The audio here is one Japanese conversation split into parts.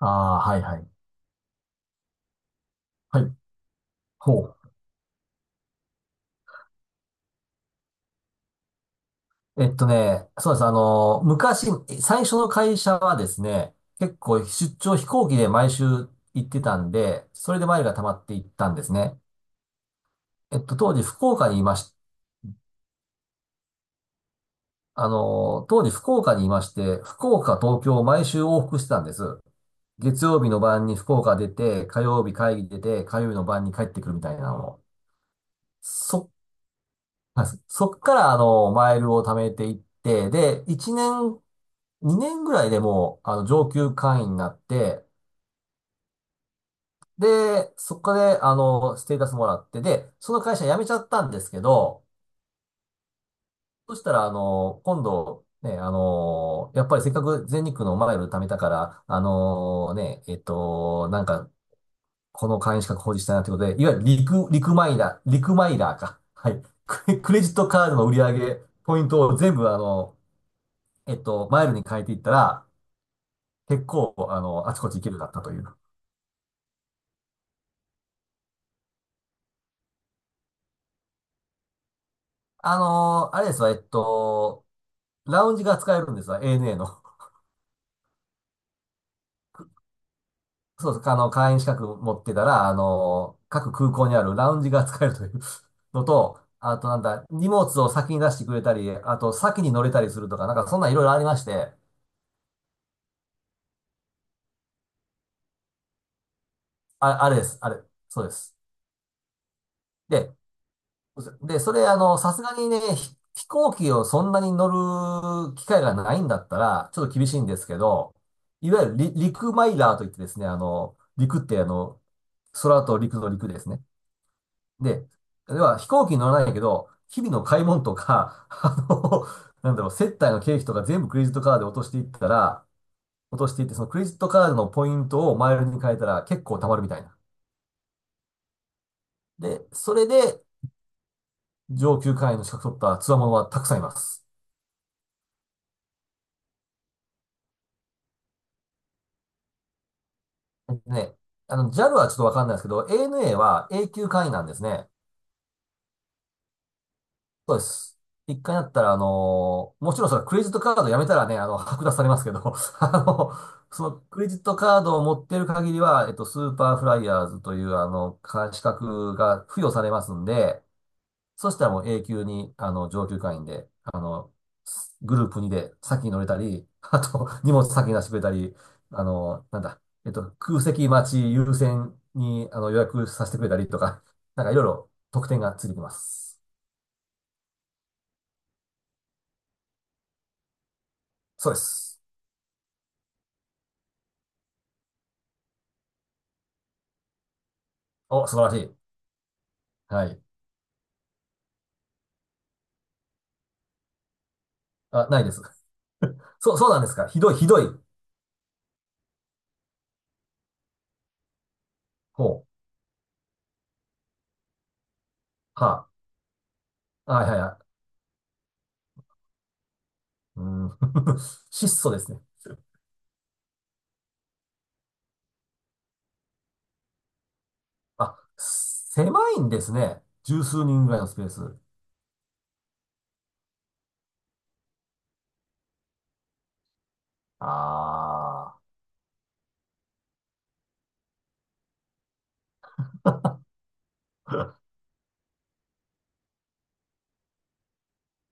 ああ、はいはい。はい。ほう。えっとね、そうです。昔、最初の会社はですね、結構出張飛行機で毎週行ってたんで、それでマイルが溜まっていったんですね。えっと、当時福岡にいまし、当時福岡にいまして、福岡、東京を毎週往復してたんです。月曜日の晩に福岡出て、火曜日会議出て、火曜日の晩に帰ってくるみたいなのを。そ、はい、そっからマイルを貯めていって、で、1年2年ぐらいでもう、上級会員になって、で、そこで、ステータスもらって、で、その会社辞めちゃったんですけど、そしたら、今度、やっぱりせっかく全日空のマイル貯めたから、あのね、えっと、なんか、この会員資格保持したいなってことで、いわゆるリクマイラー、リクマイラーか。はい。クレジットカードの売り上げ、ポイントを全部、マイルに変えていったら、結構、あちこち行けるようになったという。あのーあれですわ、えっと、ラウンジが使えるんですわ、ANA の。そうそう、会員資格持ってたら、あのー各空港にあるラウンジが使えるという のと、あとなんだ、荷物を先に出してくれたり、あと先に乗れたりするとか、なんかそんなんいろいろありまして、あれです、そうです。で、で、それ、さすがにね、飛行機をそんなに乗る機会がないんだったら、ちょっと厳しいんですけど、いわゆる陸マイラーといってですね、陸って空と陸ですね。で、では飛行機に乗らないけど、日々の買い物とか、接待の経費とか全部クレジットカードで落としていって、そのクレジットカードのポイントをマイルに変えたら結構貯まるみたいな。で、それで上級会員の資格取った強者はたくさんいます。ね、JAL はちょっとわかんないですけど、ANA は永久会員なんですね。そうです。一回なったら、あのーもちろんそのクレジットカードやめたらね、剥奪されますけど、あの、そのクレジットカードを持ってる限りは、スーパーフライヤーズという、資格が付与されますんで、そしたらもう永久に、上級会員で、グループ2で先に乗れたり、あと、荷物先に出してくれたり、あの、なんだ、えっと、空席待ち優先に、予約させてくれたりとか、なんかいろいろ特典がついてきます。そうです。お、素晴らしい。はい。あ、ないです。そうなんですか。ひどい、ひどい。ほう。はあ。はいはいや。うん。質素ですね。あ、狭いんですね。十数人ぐらいのスペース。ああ。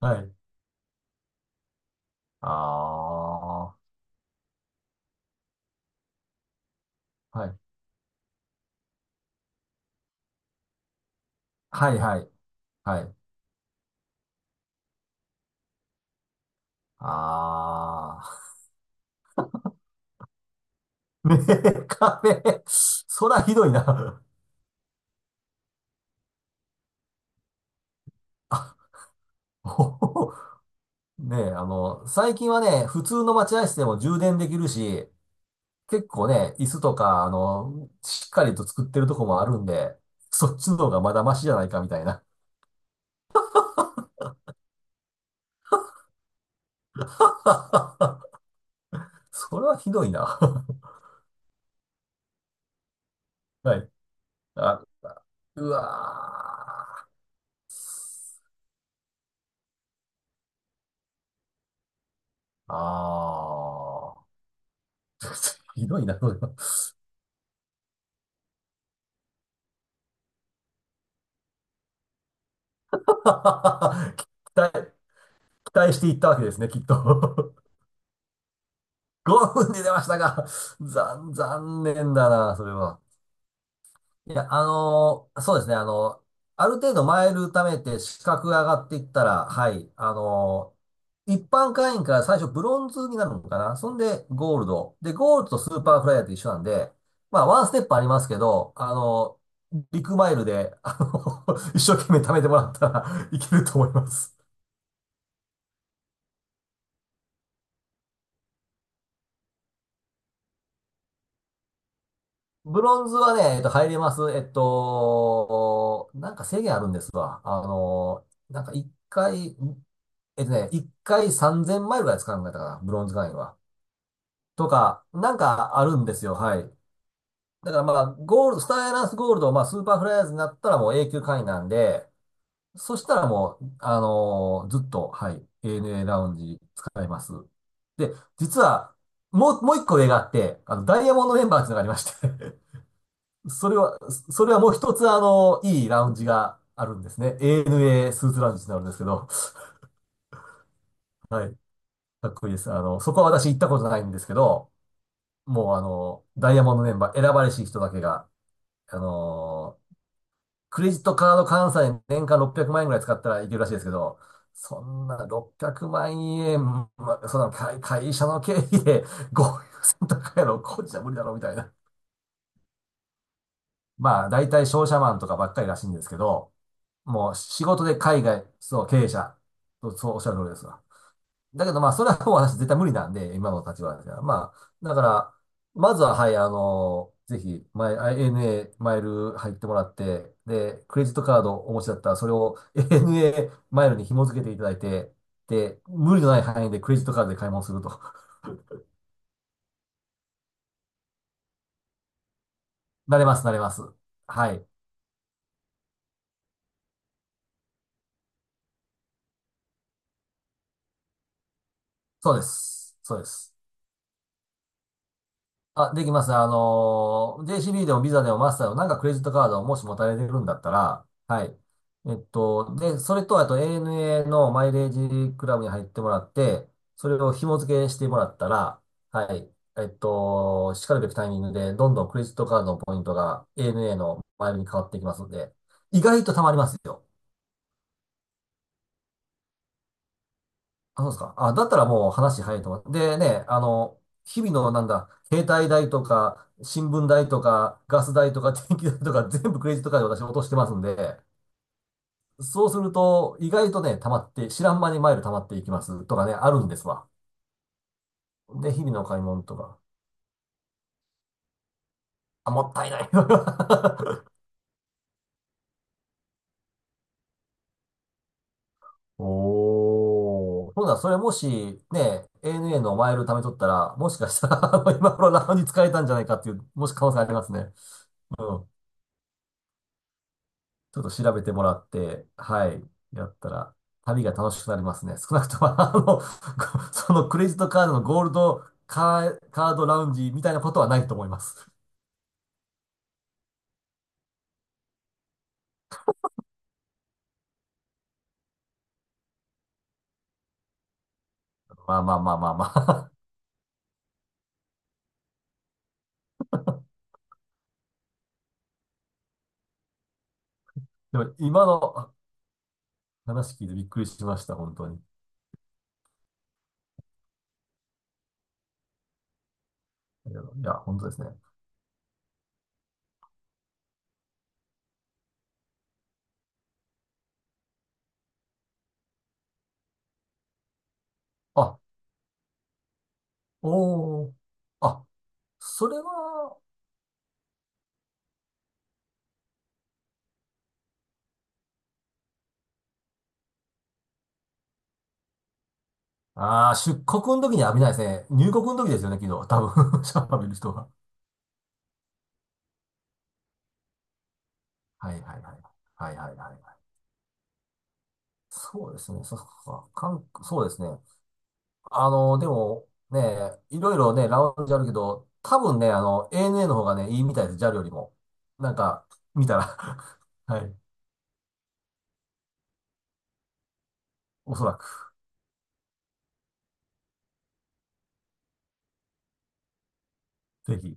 はい。ああ。はい。はい、はい。はい。ああ。ねえ、壁。そらひどいな。あ、おほほねえ、最近はね、普通の待合室でも充電できるし、結構ね、椅子とか、しっかりと作ってるとこもあるんで、そっちの方がまだマシじゃないかみたいな。それはひどいな。はい。あ、うわー。あー。ひどいな、それは。 期待、期待していったわけですね、きっと。5分で出ましたが、残、残念だな、それは。いや、あのーそうですね、あのある程度マイル貯めて資格が上がっていったら、はい、あのー一般会員から最初ブロンズになるのかな。そんでゴールド。で、ゴールドとスーパーフライヤーって一緒なんで、まあ、ワンステップありますけど、あのービッグマイルで、あの 一生懸命貯めてもらったらいけると思います。ブロンズはね、入れます。なんか制限あるんですわ。あのなんか一回、えっとね、一回3000マイルぐらい使うんだったかな、ブロンズ会員は。とか、なんかあるんですよ、はい。だからまあ、ゴールド、スターエアラインスゴールド、まあ、スーパーフライヤーズになったらもう永久会員なんで、そしたらもう、あのーずっと、はい、ANA ラウンジ使えます。で、実は、もう一個上があって、ダイヤモンドメンバーっていうのがありまして、 それは、それはもう一つ、あのいいラウンジがあるんですね。ANA スーツラウンジになるんですけど、はい。かっこいいです。そこは私行ったことないんですけど、もうあの、ダイヤモンドメンバー選ばれし人だけが、あのークレジットカード換算で年間600万円ぐらい使ったらいけるらしいですけど、そんな600万円、まあ、そんな会社の経費でごひゃくせん とかやろ、こっちじゃ無理だろ、みたいな。まあ、大体商社マンとかばっかりらしいんですけど、もう仕事で海外、そう、経営者、そう、そうおっしゃる通りですわ。だけどまあ、それはもう私絶対無理なんで、今の立場じゃ。まあ、だから、まずは、はい、ぜひ、ANA マイル入ってもらって、で、クレジットカードお持ちだったら、それを ANA マイルに紐付けていただいて、で、無理のない範囲でクレジットカードで買い物すると。なれます、なれます。はい。そうです。そうです。あ、できます。あのー、JCB でもビザでもマスターでもなんかクレジットカードをもし持たれてるんだったら、はい。で、それと、あと ANA のマイレージクラブに入ってもらって、それを紐付けしてもらったら、はい。しかるべきタイミングで、どんどんクレジットカードのポイントが ANA のマイルに変わっていきますので、意外と貯まりますよ。あ、そうですか。あ、だったらもう話早いと思う。でね、日々のなんだ、携帯代とか、新聞代とか、ガス代とか、電気代とか、全部クレジットカードで私落としてますんで、そうすると、意外とね、溜まって、知らん間にマイル溜まっていきますとかね、あるんですわ。で、日々の買い物とか。あ、もったいない。おー。ほんなら、それもし、ね、ANA のマイル貯めとったら、もしかしたら 今頃ラウンジ使えたんじゃないかっていう、もし可能性ありますね。うん、ちょっと調べてもらって、はい、やったら、旅が楽しくなりますね。少なくとも、あの、そのクレジットカードのゴールドカー、カードラウンジみたいなことはないと思います。まあまあまあまあまあ。でも、今の話聞いてびっくりしました、本当に。いや、いや本当ですね。あ、おー。あ、それは、ああ、出国の時には浴びないですね。入国の時ですよね、昨日。多分、シャワー浴びる人が。はいはいはい。はいはいはいはい。そうですね。そっか。韓国、そうですね。でもね、いろいろね、ラウンジあるけど、多分ね、ANA の方がね、いいみたいです、JAL よりも。なんか、見たら はい。おそらく、ぜひ。